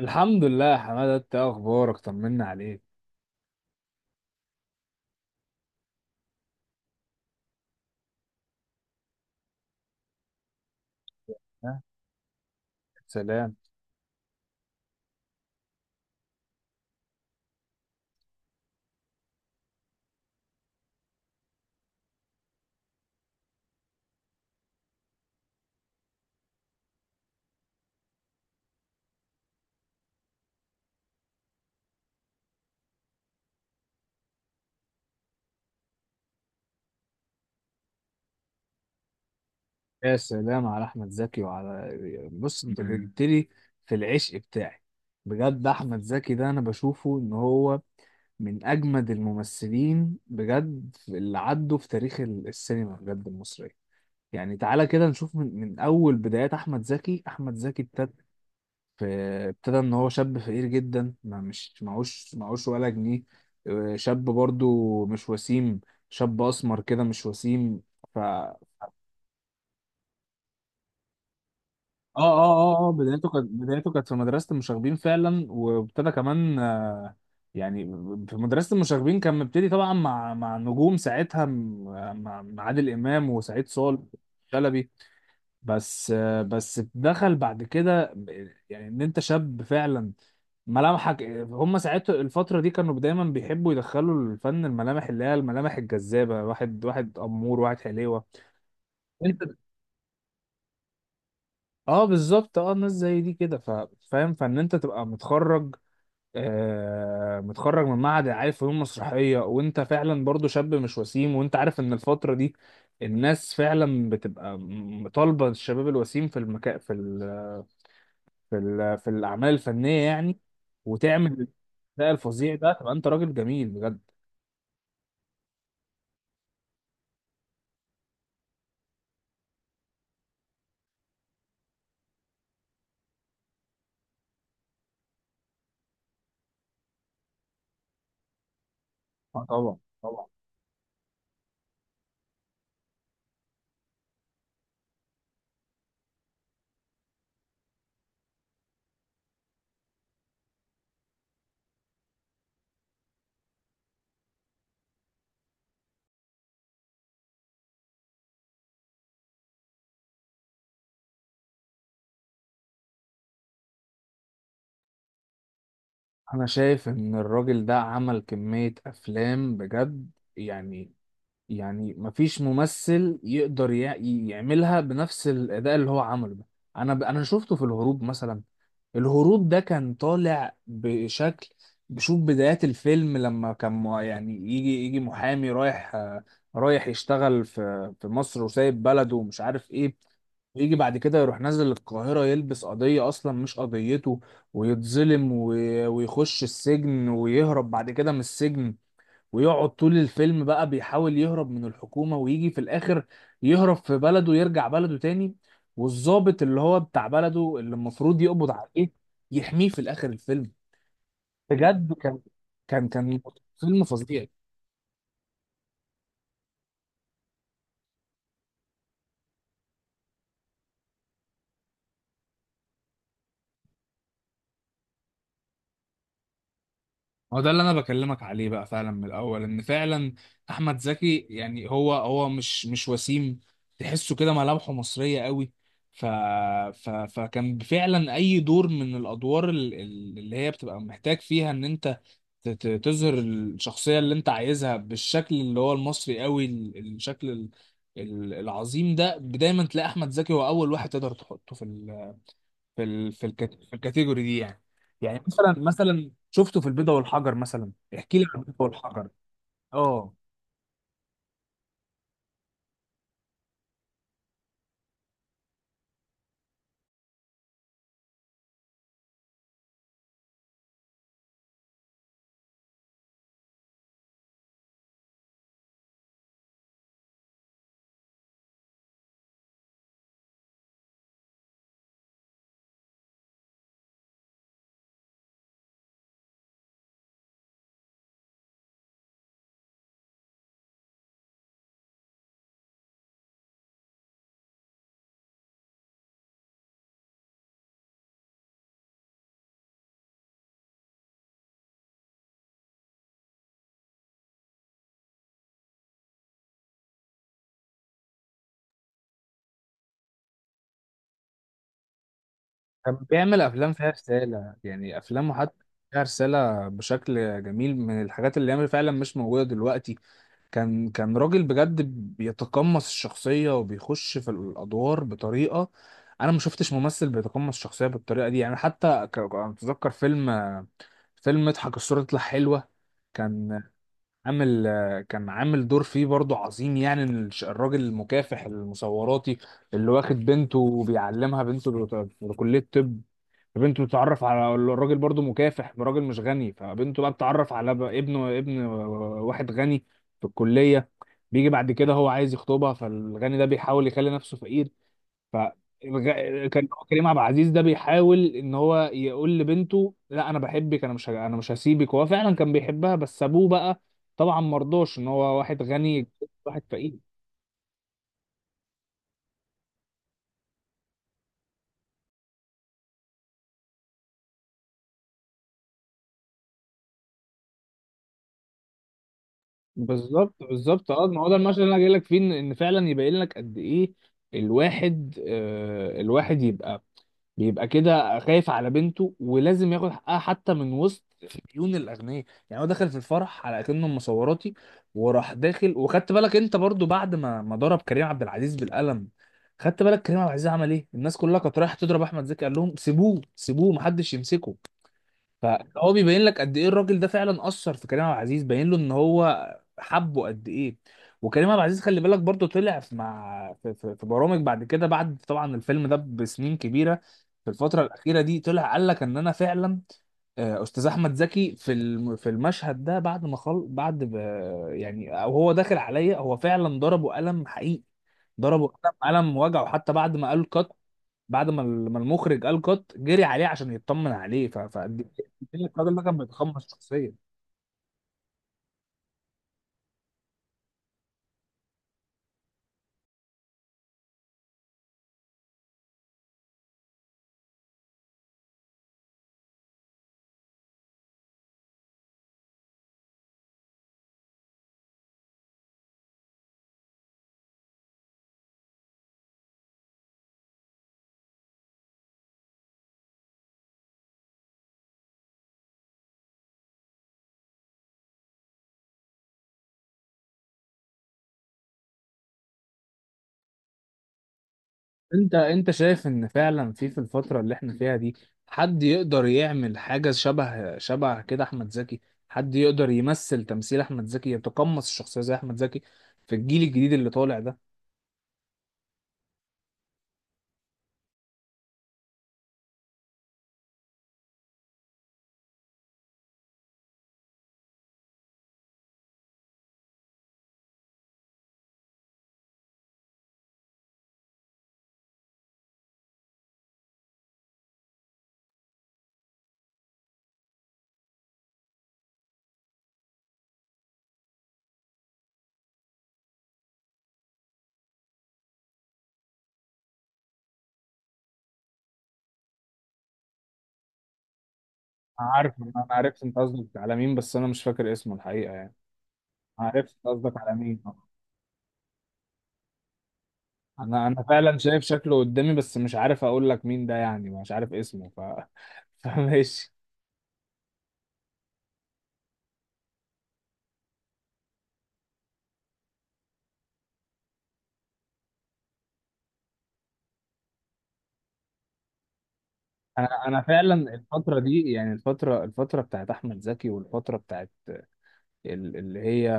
الحمد لله يا حماده، انت إيه اخبارك؟ طمنا عليك. ها؟ سلام. يا سلام على احمد زكي وعلى بص انت جبت لي في العشق بتاعي. بجد احمد زكي ده انا بشوفه ان هو من اجمد الممثلين بجد اللي عدوا في تاريخ السينما بجد المصريه. يعني تعالى كده نشوف من اول بدايات احمد زكي احمد زكي. فابتدى ان هو شاب فقير جدا، ما مش معوش ولا جنيه. شاب برضو مش وسيم، شاب اسمر كده مش وسيم. ف اه اه اه اه بدايته كانت في مدرسة المشاغبين فعلا، وابتدى كمان يعني في مدرسة المشاغبين كان مبتدي طبعا مع نجوم ساعتها، مع عادل إمام وسعيد صالح شلبي. بس بس دخل بعد كده، يعني ان انت شاب فعلا، ملامحك هم ساعتها الفترة دي كانوا دايما بيحبوا يدخلوا الفن الملامح اللي هي الملامح الجذابة، واحد واحد أمور، واحد حليوة. انت اه، بالظبط. اه ناس زي دي كده، فاهم، فان انت تبقى متخرج، آه متخرج من معهد، عارف، فنون مسرحية، وانت فعلا برضو شاب مش وسيم، وانت عارف ان الفترة دي الناس فعلا بتبقى طالبة الشباب الوسيم في المكان، في في الأعمال الفنية يعني. وتعمل الأداء الفظيع ده تبقى انت راجل جميل بجد. آه طبعا، طبعا. انا شايف ان الراجل ده عمل كمية افلام بجد، يعني يعني مفيش ممثل يقدر يعملها بنفس الاداء اللي هو عمله ده. انا شفته في الهروب مثلا. الهروب ده كان طالع بشكل، بشوف بدايات الفيلم لما كان يعني يجي محامي رايح رايح يشتغل في في مصر، وسايب بلده ومش عارف ايه. يجي بعد كده يروح نازل القاهرة يلبس قضية أصلا مش قضيته، ويتظلم ويخش السجن، ويهرب بعد كده من السجن، ويقعد طول الفيلم بقى بيحاول يهرب من الحكومة، ويجي في الآخر يهرب في بلده ويرجع بلده تاني. والضابط اللي هو بتاع بلده اللي المفروض يقبض عليه يحميه في الآخر الفيلم. بجد كان كان فيلم فظيع. هو ده اللي انا بكلمك عليه بقى، فعلا من الاول، ان فعلا احمد زكي يعني هو هو مش وسيم، تحسه كده ملامحه مصريه قوي. ف... فكان فعلا اي دور من الادوار اللي هي بتبقى محتاج فيها ان انت تظهر الشخصية اللي انت عايزها بالشكل اللي هو المصري قوي، الشكل العظيم ده دايما تلاقي احمد زكي هو اول واحد تقدر تحطه في ال في ال في, الكات- في الكاتيجوري دي يعني. يعني مثلا شفته في البيضة والحجر مثلا. احكي لي عن البيضة والحجر. اه كان بيعمل افلام فيها رسالة، يعني افلامه حتى فيها رسالة بشكل جميل من الحاجات اللي هي فعلا مش موجودة دلوقتي. كان راجل بجد بيتقمص الشخصية وبيخش في الأدوار بطريقة، أنا ما شفتش ممثل بيتقمص الشخصية بالطريقة دي يعني. حتى أنا أتذكر فيلم، اضحك الصورة تطلع حلوة، كان عامل كان عامل دور فيه برضه عظيم، يعني إن الراجل المكافح المصوراتي اللي واخد بنته وبيعلمها، بنته في كلية طب. فبنته تتعرف على الراجل برضو مكافح، راجل مش غني، فبنته بقى بتتعرف على بقى ابن واحد غني في الكلية. بيجي بعد كده هو عايز يخطبها، فالغني ده بيحاول يخلي نفسه فقير، ف كان كريم عبد العزيز ده بيحاول ان هو يقول لبنته لا انا بحبك، انا مش ه- انا مش هسيبك، وهو فعلا كان بيحبها. بس ابوه بقى طبعا مرضوش ان هو واحد غني واحد فقير. بالظبط، بالظبط. اه ما هو ده المثل اللي انا جاي لك فيه، ان إن فعلا يبين لك قد ايه الواحد آه الواحد يبقى بيبقى كده خايف على بنته، ولازم ياخد حقها حتى من وسط عيون الاغنياء. يعني هو دخل في الفرح على اكنه مصوراتي، وراح داخل، وخدت بالك انت برضو بعد ما ضرب كريم عبد العزيز بالقلم، خدت بالك كريم عبد العزيز عمل ايه؟ الناس كلها كانت رايحه تضرب احمد زكي، قال لهم سيبوه سيبوه، محدش يمسكه. فهو بيبين لك قد ايه الراجل ده فعلا اثر في كريم عبد العزيز، باين له ان هو حبه قد ايه. وكريم عبد العزيز خلي بالك برضه طلع في في برامج بعد كده، بعد طبعا الفيلم ده بسنين كبيره، في الفتره الاخيره دي، طلع قال لك ان انا فعلا استاذ احمد زكي في في المشهد ده، بعد ما يعني او هو داخل عليا هو فعلا ضربه قلم حقيقي، ضربه قلم، قلم وجعه حتى. بعد ما قال كات، بعد ما المخرج قال كات، جري عليه عشان يطمن عليه. الراجل ده كان بيتخمص شخصيا. انت شايف ان فعلا في في الفتره اللي احنا فيها دي حد يقدر يعمل حاجه شبه كده احمد زكي؟ حد يقدر يمثل تمثيل احمد زكي يتقمص الشخصيه زي احمد زكي في الجيل الجديد اللي طالع ده؟ عارف، انا عرفت انت قصدك على مين، بس انا مش فاكر اسمه الحقيقه يعني. عرفت قصدك على مين. انا فعلا شايف شكله قدامي، بس مش عارف اقول لك مين ده يعني، مش عارف اسمه. فماشي. انا فعلا الفتره دي، يعني الفتره بتاعت احمد زكي، والفتره بتاعت اللي هي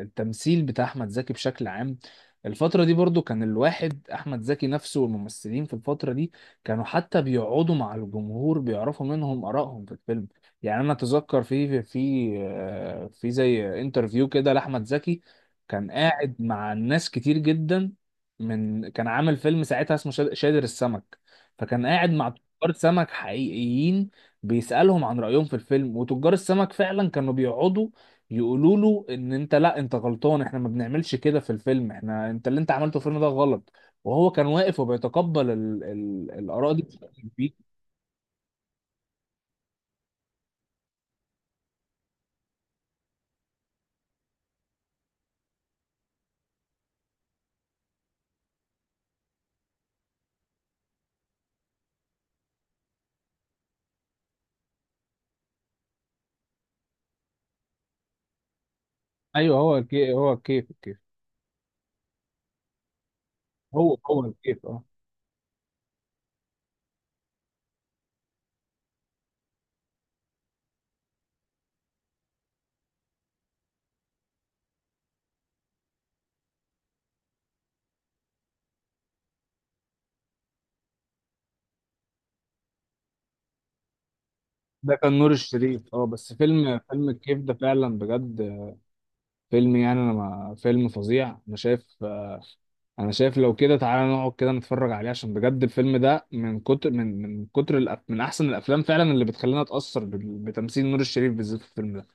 التمثيل بتاع احمد زكي بشكل عام، الفترة دي برضو كان الواحد احمد زكي نفسه والممثلين في الفترة دي كانوا حتى بيقعدوا مع الجمهور بيعرفوا منهم ارائهم في الفيلم. يعني انا اتذكر في زي انترفيو كده لاحمد زكي، كان قاعد مع ناس كتير جدا، من كان عامل فيلم ساعتها اسمه شادر السمك، فكان قاعد مع تجار سمك حقيقيين، بيسألهم عن رأيهم في الفيلم. وتجار السمك فعلا كانوا بيقعدوا يقولوا له ان انت لا انت غلطان، احنا ما بنعملش كده في الفيلم، احنا اللي انت عملته في الفيلم ده غلط. وهو كان واقف وبيتقبل الاراء دي بشكل كبير. ايوه هو الكيف، هو هو الكيف اه. ده كان نور الشريف اه. بس فيلم، فيلم الكيف ده فعلا بجد فيلم، يعني انا ما... فيلم فظيع. انا شايف، انا شايف لو كده تعالى نقعد كده نتفرج عليه، عشان بجد الفيلم ده من كتر من كتر من احسن الافلام فعلا، اللي بتخلينا اتاثر بتمثيل نور الشريف بالذات في الفيلم ده.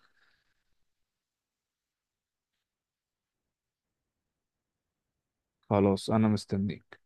خلاص انا مستنيك.